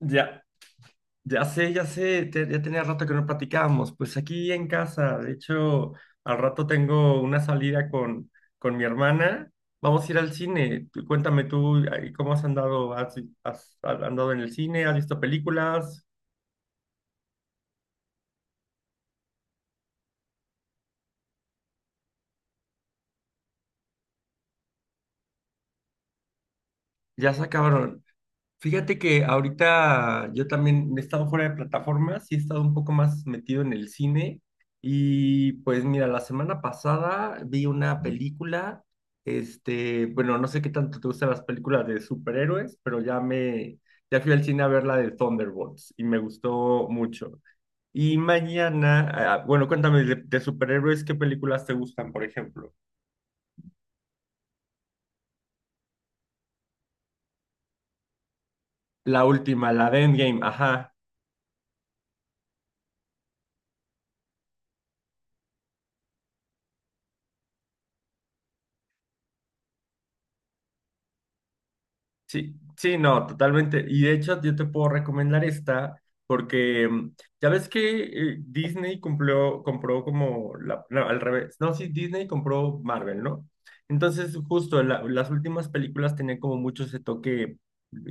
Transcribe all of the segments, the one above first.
Ya, ya sé, ya sé, ya tenía rato que no platicábamos. Pues aquí en casa, de hecho, al rato tengo una salida con mi hermana. Vamos a ir al cine. Cuéntame tú, ay, ¿cómo has andado? ¿Has andado en el cine? ¿Has visto películas? Ya se acabaron. Fíjate que ahorita yo también he estado fuera de plataformas y he estado un poco más metido en el cine. Y pues mira, la semana pasada vi una película, bueno, no sé qué tanto te gustan las películas de superhéroes, pero ya fui al cine a ver la de Thunderbolts y me gustó mucho. Y mañana, ah, ah, bueno, cuéntame de superhéroes, ¿qué películas te gustan, por ejemplo? La última, la de Endgame, ajá. Sí, sí, no, totalmente. Y de hecho, yo te puedo recomendar esta porque ya ves que Disney cumplió, compró como la, no, al revés. No, sí, Disney compró Marvel, ¿no? Entonces, justo las últimas películas tenían como mucho ese toque,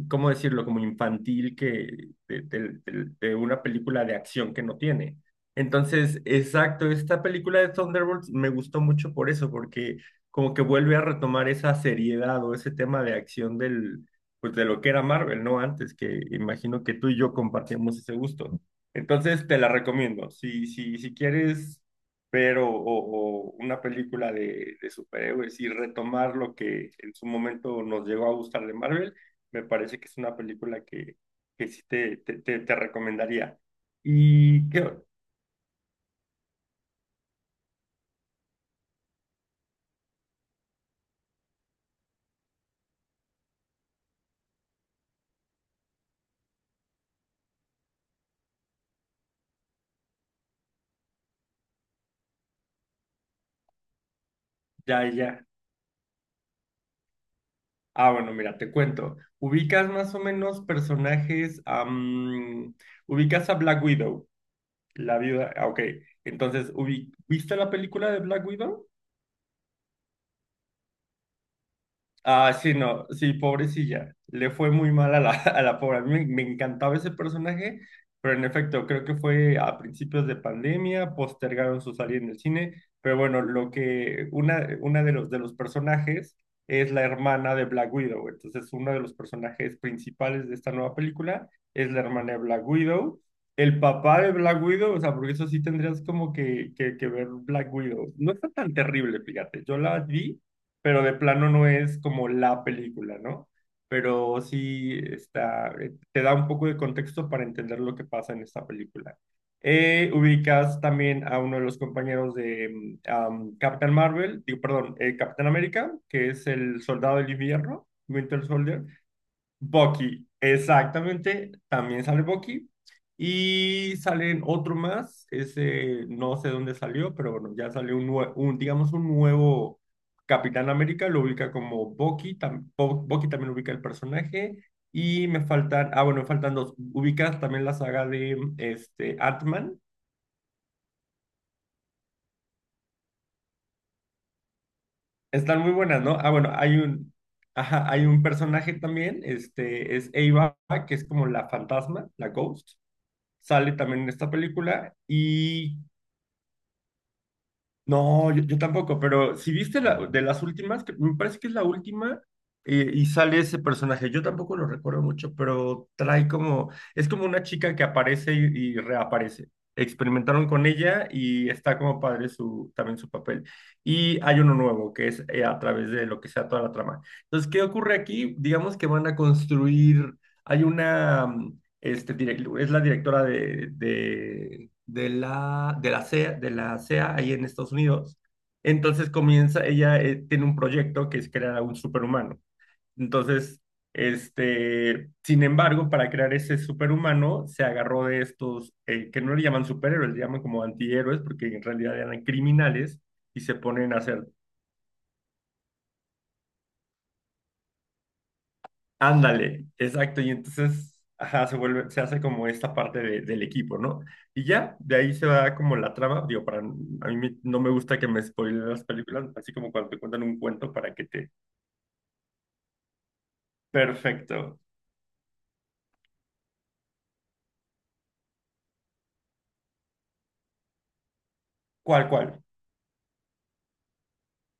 ¿cómo decirlo? Como infantil que de, de una película de acción que no tiene. Entonces, exacto, esta película de Thunderbolts me gustó mucho por eso, porque como que vuelve a retomar esa seriedad o ese tema de acción del pues de lo que era Marvel, ¿no? Antes que imagino que tú y yo compartíamos ese gusto. Entonces te la recomiendo. Si quieres ver o, o una película de, superhéroes y retomar lo que en su momento nos llegó a gustar de Marvel, me parece que es una película que, sí te recomendaría. Y qué, ya, ya. Ah, bueno, mira, te cuento. Ubicas más o menos personajes, ubicas a Black Widow. La viuda, ah, ok. Entonces, ¿viste la película de Black Widow? Ah, sí, no, sí, pobrecilla. Le fue muy mal a la, a la pobre. A mí me, encantaba ese personaje, pero en efecto, creo que fue a principios de pandemia, postergaron su salida en el cine, pero bueno, lo que una, de los personajes es la hermana de Black Widow, entonces uno de los personajes principales de esta nueva película es la hermana de Black Widow. El papá de Black Widow, o sea, porque eso sí tendrías como que ver Black Widow. No está tan terrible, fíjate. Yo la vi pero de plano no es como la película, ¿no? Pero sí está, te da un poco de contexto para entender lo que pasa en esta película. Ubicas también a uno de los compañeros de Captain Marvel, digo, perdón, Capitán América, que es el soldado del invierno, Winter Soldier. Bucky, exactamente, también sale Bucky. Y salen otro más, ese no sé dónde salió, pero bueno, ya salió un digamos, un nuevo Capitán América, lo ubica como Bucky, Bucky también ubica el personaje. Y me faltan, ah, bueno, me faltan dos. Ubicas también la saga de Ant-Man. Están muy buenas, ¿no? Ah, bueno, hay un, ajá, hay un personaje también, es Ava, que es como la fantasma, la Ghost. Sale también en esta película y no, yo, tampoco, pero si viste la, de las últimas, que me parece que es la última, y sale ese personaje, yo tampoco lo recuerdo mucho, pero trae como, es como una chica que aparece y reaparece. Experimentaron con ella y está como padre su, también su papel. Y hay uno nuevo que es a través de lo que sea toda la trama. Entonces, ¿qué ocurre aquí? Digamos que van a construir, hay una, es la directora de de la CEA, de la CEA ahí en Estados Unidos. Entonces comienza, ella tiene un proyecto que es crear a un superhumano. Entonces, sin embargo, para crear ese superhumano, se agarró de estos, que no le llaman superhéroes, le llaman como antihéroes, porque en realidad eran criminales y se ponen a hacer. Ándale, exacto. Y entonces, ajá, se vuelve, se hace como esta parte del equipo, ¿no? Y ya, de ahí se va como la trama. Digo, para, a mí no me gusta que me spoilen las películas, así como cuando te cuentan un cuento para que te... Perfecto. ¿Cuál, cuál?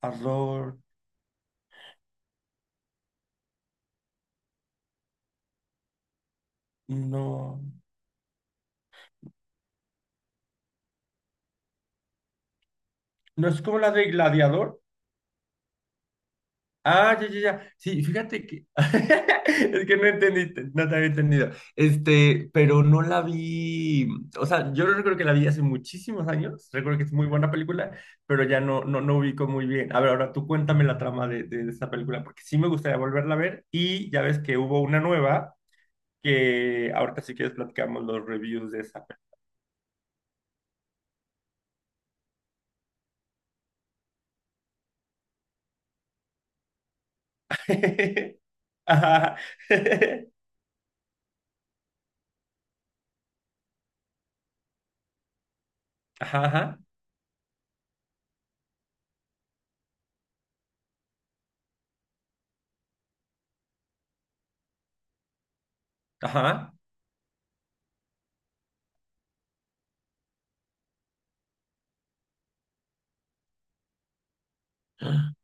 Horror. No. ¿No es como la de Gladiador? Ah, ya, ya, ya. Sí, fíjate que es que no entendiste, no te había entendido. Pero no la vi, o sea, yo recuerdo que la vi hace muchísimos años, recuerdo que es muy buena película, pero ya no ubico muy bien. A ver, ahora tú cuéntame la trama de, esa película, porque sí me gustaría volverla a ver y ya ves que hubo una nueva que ahorita si quieres platicamos los reviews de esa. Ajá, ajá, ajá, ajá,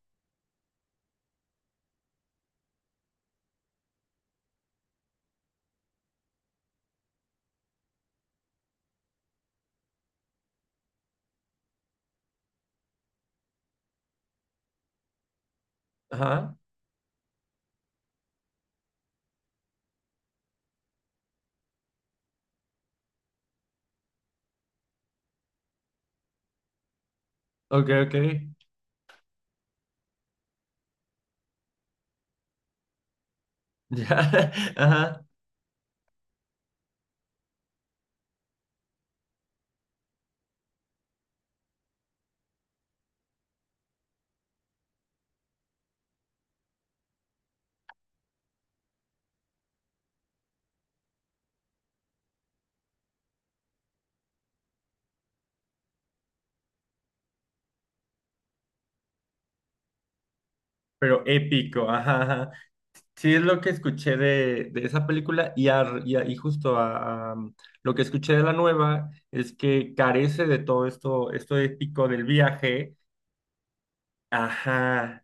ajá, ok, ok. Ya, ajá, pero épico, ajá, ajá. Sí, es lo que escuché de, esa película y justo a lo que escuché de la nueva es que carece de todo esto, épico del viaje. Ajá,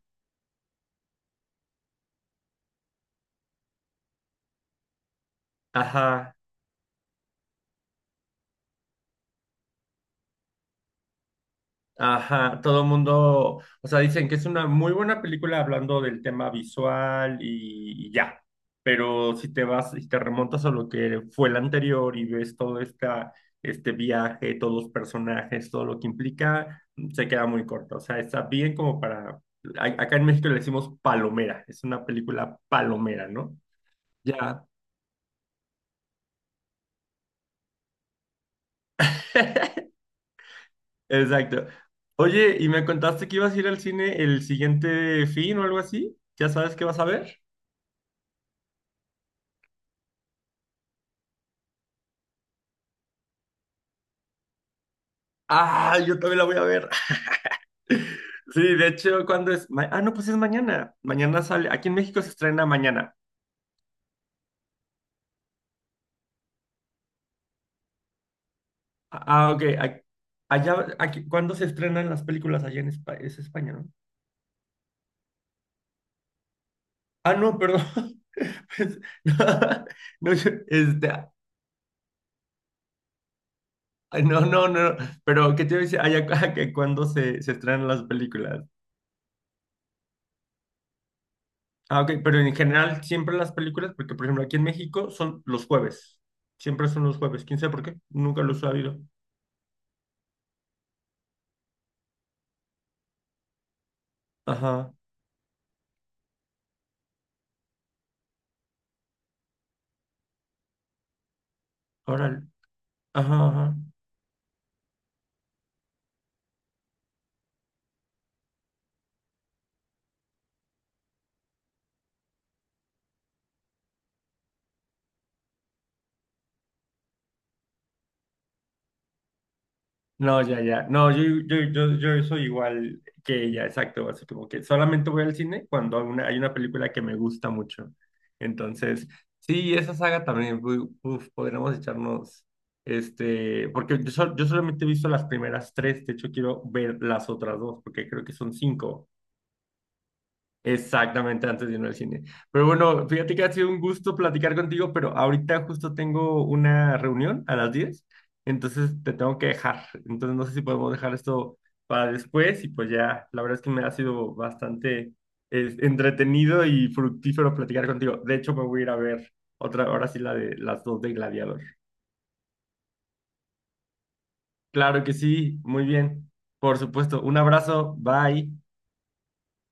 ajá. Ajá, todo el mundo, o sea, dicen que es una muy buena película hablando del tema visual y ya, pero si te vas y te remontas a lo que fue la anterior y ves todo este viaje, todos los personajes, todo lo que implica, se queda muy corta, o sea, está bien como para, acá en México le decimos palomera, es una película palomera, ¿no? Ya. Exacto. Oye, ¿y me contaste que ibas a ir al cine el siguiente fin o algo así? ¿Ya sabes qué vas a ver? Ah, yo también la voy a ver. Sí, de hecho, ¿cuándo es? No, pues es mañana. Mañana sale. Aquí en México se estrena mañana. Ah, ah, ok. Allá, aquí, ¿cuándo se estrenan las películas allá en España? Es España, ¿no? Ah, no, perdón. Pues, no, ay, no, no, no. No, pero ¿qué te iba a decir? Allá, que ¿cuándo se estrenan las películas? Ah, ok. Pero en general, siempre las películas, porque, por ejemplo, aquí en México son los jueves. Siempre son los jueves. ¿Quién sabe por qué? Nunca lo he sabido. Ajá. Ahora. Ajá, ajá. No, ya, ya. No, yo, soy igual que ella, exacto. Así como que solamente voy al cine cuando hay una película que me gusta mucho. Entonces, sí, esa saga también, uf, podríamos echarnos, porque yo solamente he visto las primeras tres, de hecho quiero ver las otras dos, porque creo que son cinco. Exactamente, antes de irme al cine. Pero bueno, fíjate que ha sido un gusto platicar contigo, pero ahorita justo tengo una reunión a las 10, entonces te tengo que dejar. Entonces no sé si podemos dejar esto para después y pues ya, la verdad es que me ha sido bastante entretenido y fructífero platicar contigo. De hecho, me voy a ir a ver otra, ahora sí la de las dos de Gladiador. Claro que sí, muy bien. Por supuesto, un abrazo, bye.